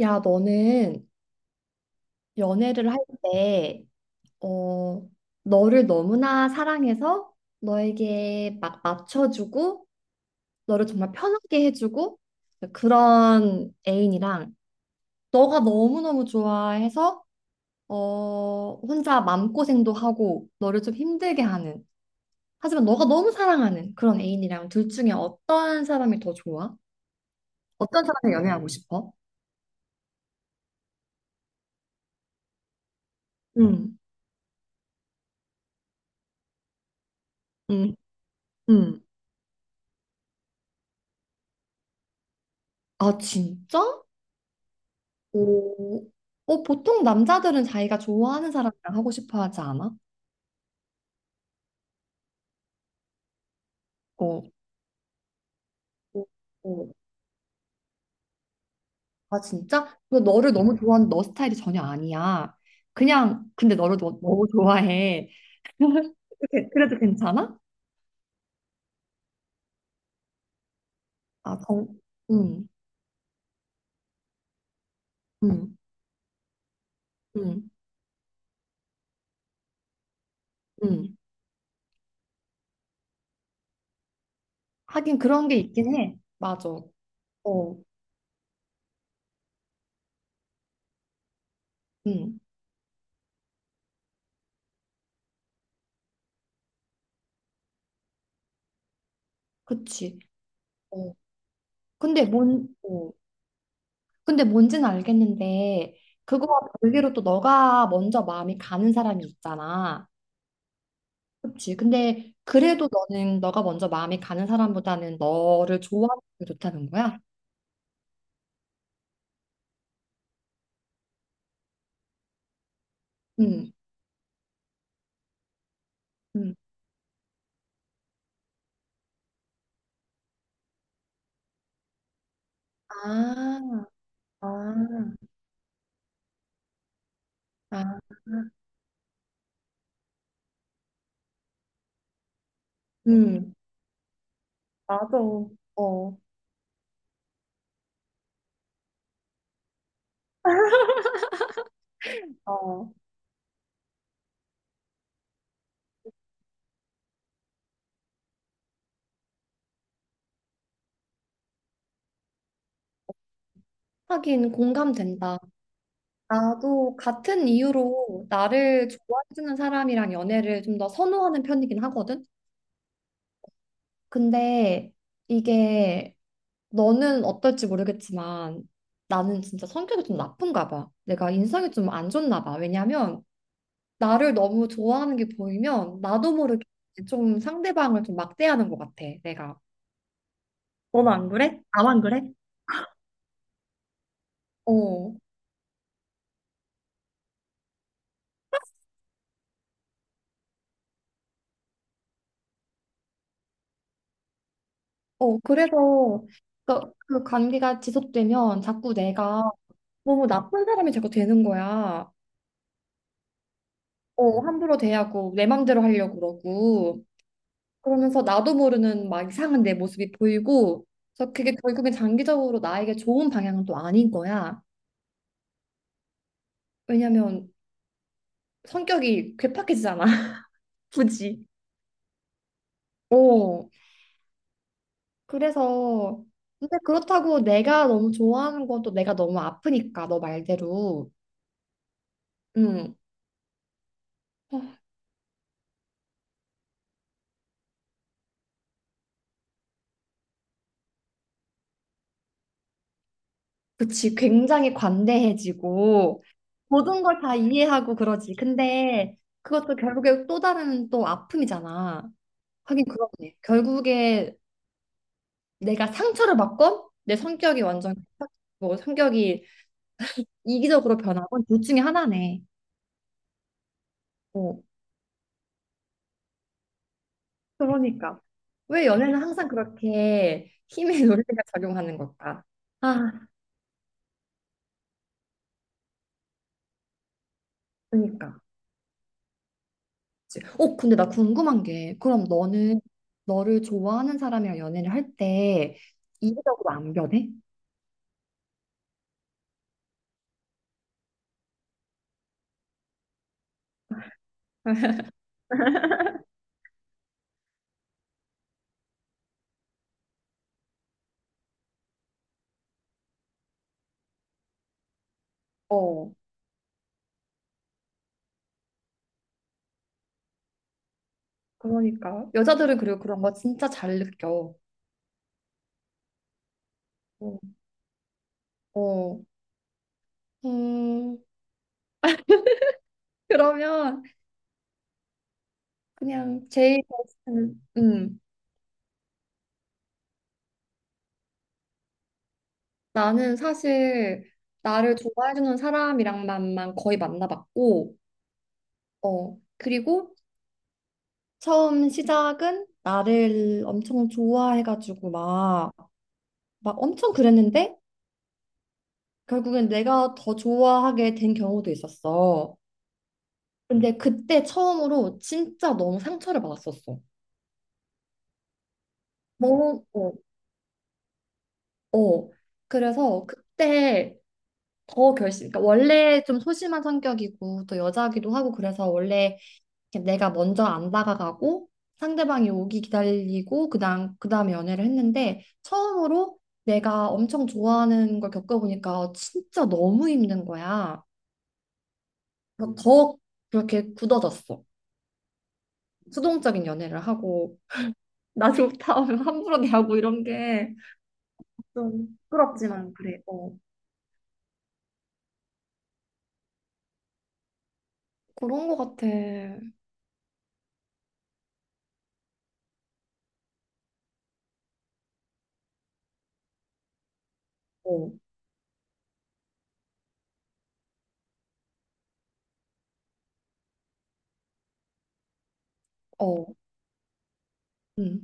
야, 너는 연애를 할 때, 어, 너를 너무나 사랑해서 너에게 막 맞춰주고, 너를 정말 편하게 해주고, 그런 애인이랑, 너가 너무너무 좋아해서, 혼자 마음고생도 하고, 너를 좀 힘들게 하는, 하지만 너가 너무 사랑하는 그런 애인이랑 둘 중에 어떤 사람이 더 좋아? 어떤 사람을 연애하고 싶어? 응, 응, 응. 아, 진짜? 오, 보통 남자들은 자기가 좋아하는 사람이랑 하고 싶어 하지 않아? 어, 어, 어. 아, 진짜? 근데 너를 너무 좋아하는 너 스타일이 전혀 아니야. 그냥, 근데 너무 좋아해. 그래도 괜찮아? 아, 음, 음, 음, 음. 하긴 그런 게 있긴 해. 맞아. 어, 음, 그치. 어. 근데 뭔, 어. 근데 뭔지는 알겠는데, 그거와 별개로 또 너가 먼저 마음이 가는 사람이 있잖아. 그치. 근데 그래도 너는 너가 먼저 마음이 가는 사람보다는 너를 좋아하는 게 좋다는 거야? 응. 응. 아, 아, 아, 응. 맞아. 어, 어. 하긴 공감된다. 나도 같은 이유로 나를 좋아해주는 사람이랑 연애를 좀 더 선호하는 편이긴 하거든? 근데 이게 너는 어떨지 모르겠지만 나는 진짜 성격이 좀 나쁜가 봐. 내가 인성이 좀 안 좋나 봐. 왜냐면 나를 너무 좋아하는 게 보이면 나도 모르게 좀 상대방을 좀 막대하는 것 같아, 내가. 너는 안 그래? 나만 그래? 어, 어, 그래서 그 관계가 지속되면 자꾸 내가 너무 나쁜 사람이 자꾸 되는 거야. 어, 함부로 대하고 내 맘대로 하려고 그러고 그러면서 나도 모르는 막 이상한 내 모습이 보이고 그래서 그게 결국엔 장기적으로 나에게 좋은 방향은 또 아닌 거야. 왜냐면 성격이 괴팍해지잖아. 굳이. 어. 그래서 근데 그렇다고 내가 너무 좋아하는 건 또 내가 너무 아프니까 너 말대로 음 어, 그치. 굉장히 관대해지고 모든 걸 다 이해하고 그러지. 근데 그것도 결국에 또 다른 또 아픔이잖아. 하긴 그렇네. 결국에 내가 상처를 받건 내 성격이 완전 뭐 성격이 이기적으로 변하건 둘 중에 하나네. 어, 그러니까. 왜 연애는 항상 그렇게 힘의 논리가 작용하는 걸까? 아, 그러니까. 그치. 근데 나 궁금한 게, 그럼 너는 너를 좋아하는 사람이랑 연애를 할 때 이기적으로 안 변해? 어, 그러니까. 여자들은 그리고 그런 거 진짜 잘 느껴. 어, 어. 음, 그러면 그냥 제일 베스트는, 나는 사실 나를 좋아해주는 사람이랑만만 거의 만나봤고, 어, 그리고 처음 시작은 나를 엄청 좋아해가지고 막, 막 엄청 그랬는데 결국엔 내가 더 좋아하게 된 경우도 있었어. 근데 그때 처음으로 진짜 너무 상처를 받았었어. 어, 어. 그래서 그때 더 결심, 그러니까 원래 좀 소심한 성격이고 또 여자기도 하고 그래서 원래 이렇게 내가 먼저 안 다가가고 상대방이 오기 기다리고 그다음에 연애를 했는데 처음으로 내가 엄청 좋아하는 걸 겪어보니까 진짜 너무 힘든 거야. 그래서 더 그렇게 굳어졌어. 수동적인 연애를 하고 나 좋다 하면 함부로 대하고 이런 게 좀 부끄럽지만 그래. 어. 그런 거 같아. 어, 어, 응.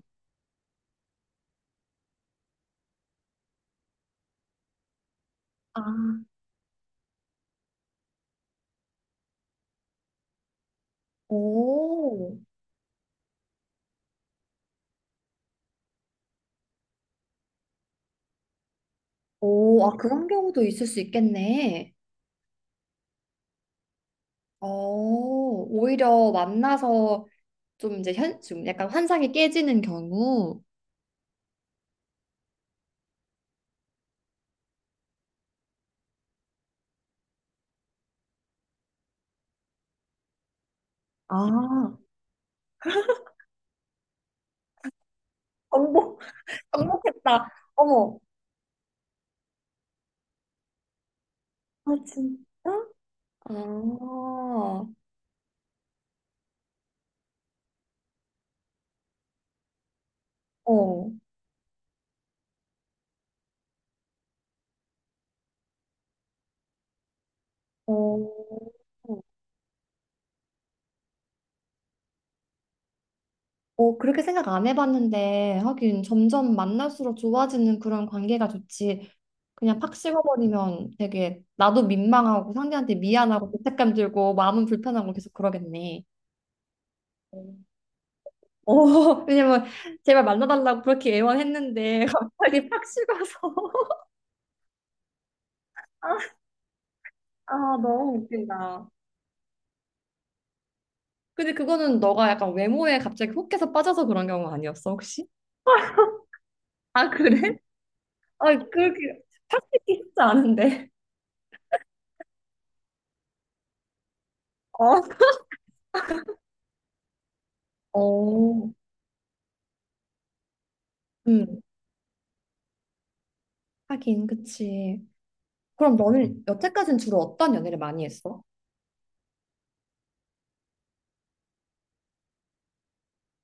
아, 오, 오, 아, 그런 경우도 있을 수 있겠네. 어, 오히려 만나서 좀 이제 좀 약간 환상이 깨지는 경우. 아, 정복, 정복했다. 어머, 아, 진짜? 아, 어, 어, 어, 그렇게 생각 안 해봤는데, 하긴 점점 만날수록 좋아지는 그런 관계가 좋지. 그냥 팍 식어버리면 되게 나도 민망하고 상대한테 미안하고 죄책감 들고 마음은 불편하고 계속 그러겠네. 어, 왜냐면 제발 만나달라고 그렇게 애원했는데 갑자기 팍 식어서 아, 너무 웃긴다. 근데 그거는 너가 약간 외모에 갑자기 혹해서 빠져서 그런 경우 아니었어, 혹시? 아, 그래? 아, 그렇게 팍 식기 쉽지 않은데. 어. 어, 음, 하긴, 그치. 그럼 너는 여태까지는 주로 어떤 연애를 많이 했어?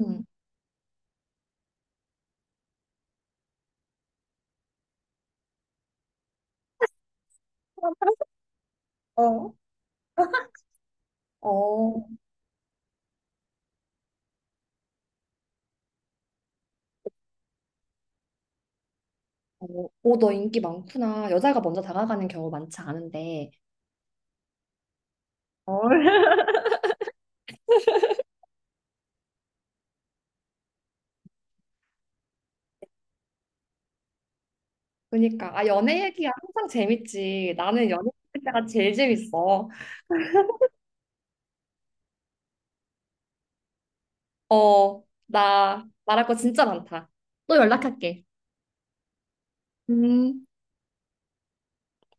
음. 어. 어, 어, 어, 너 인기 많구나. 여자가 먼저 다가가는 경우 많지 않은데. 어. 그러니까. 아, 연애 얘기가 항상 재밌지. 나는 연애 얘기 때가 제일 재밌어. 어, 나 말할 거 진짜 많다. 또 연락할게. 음.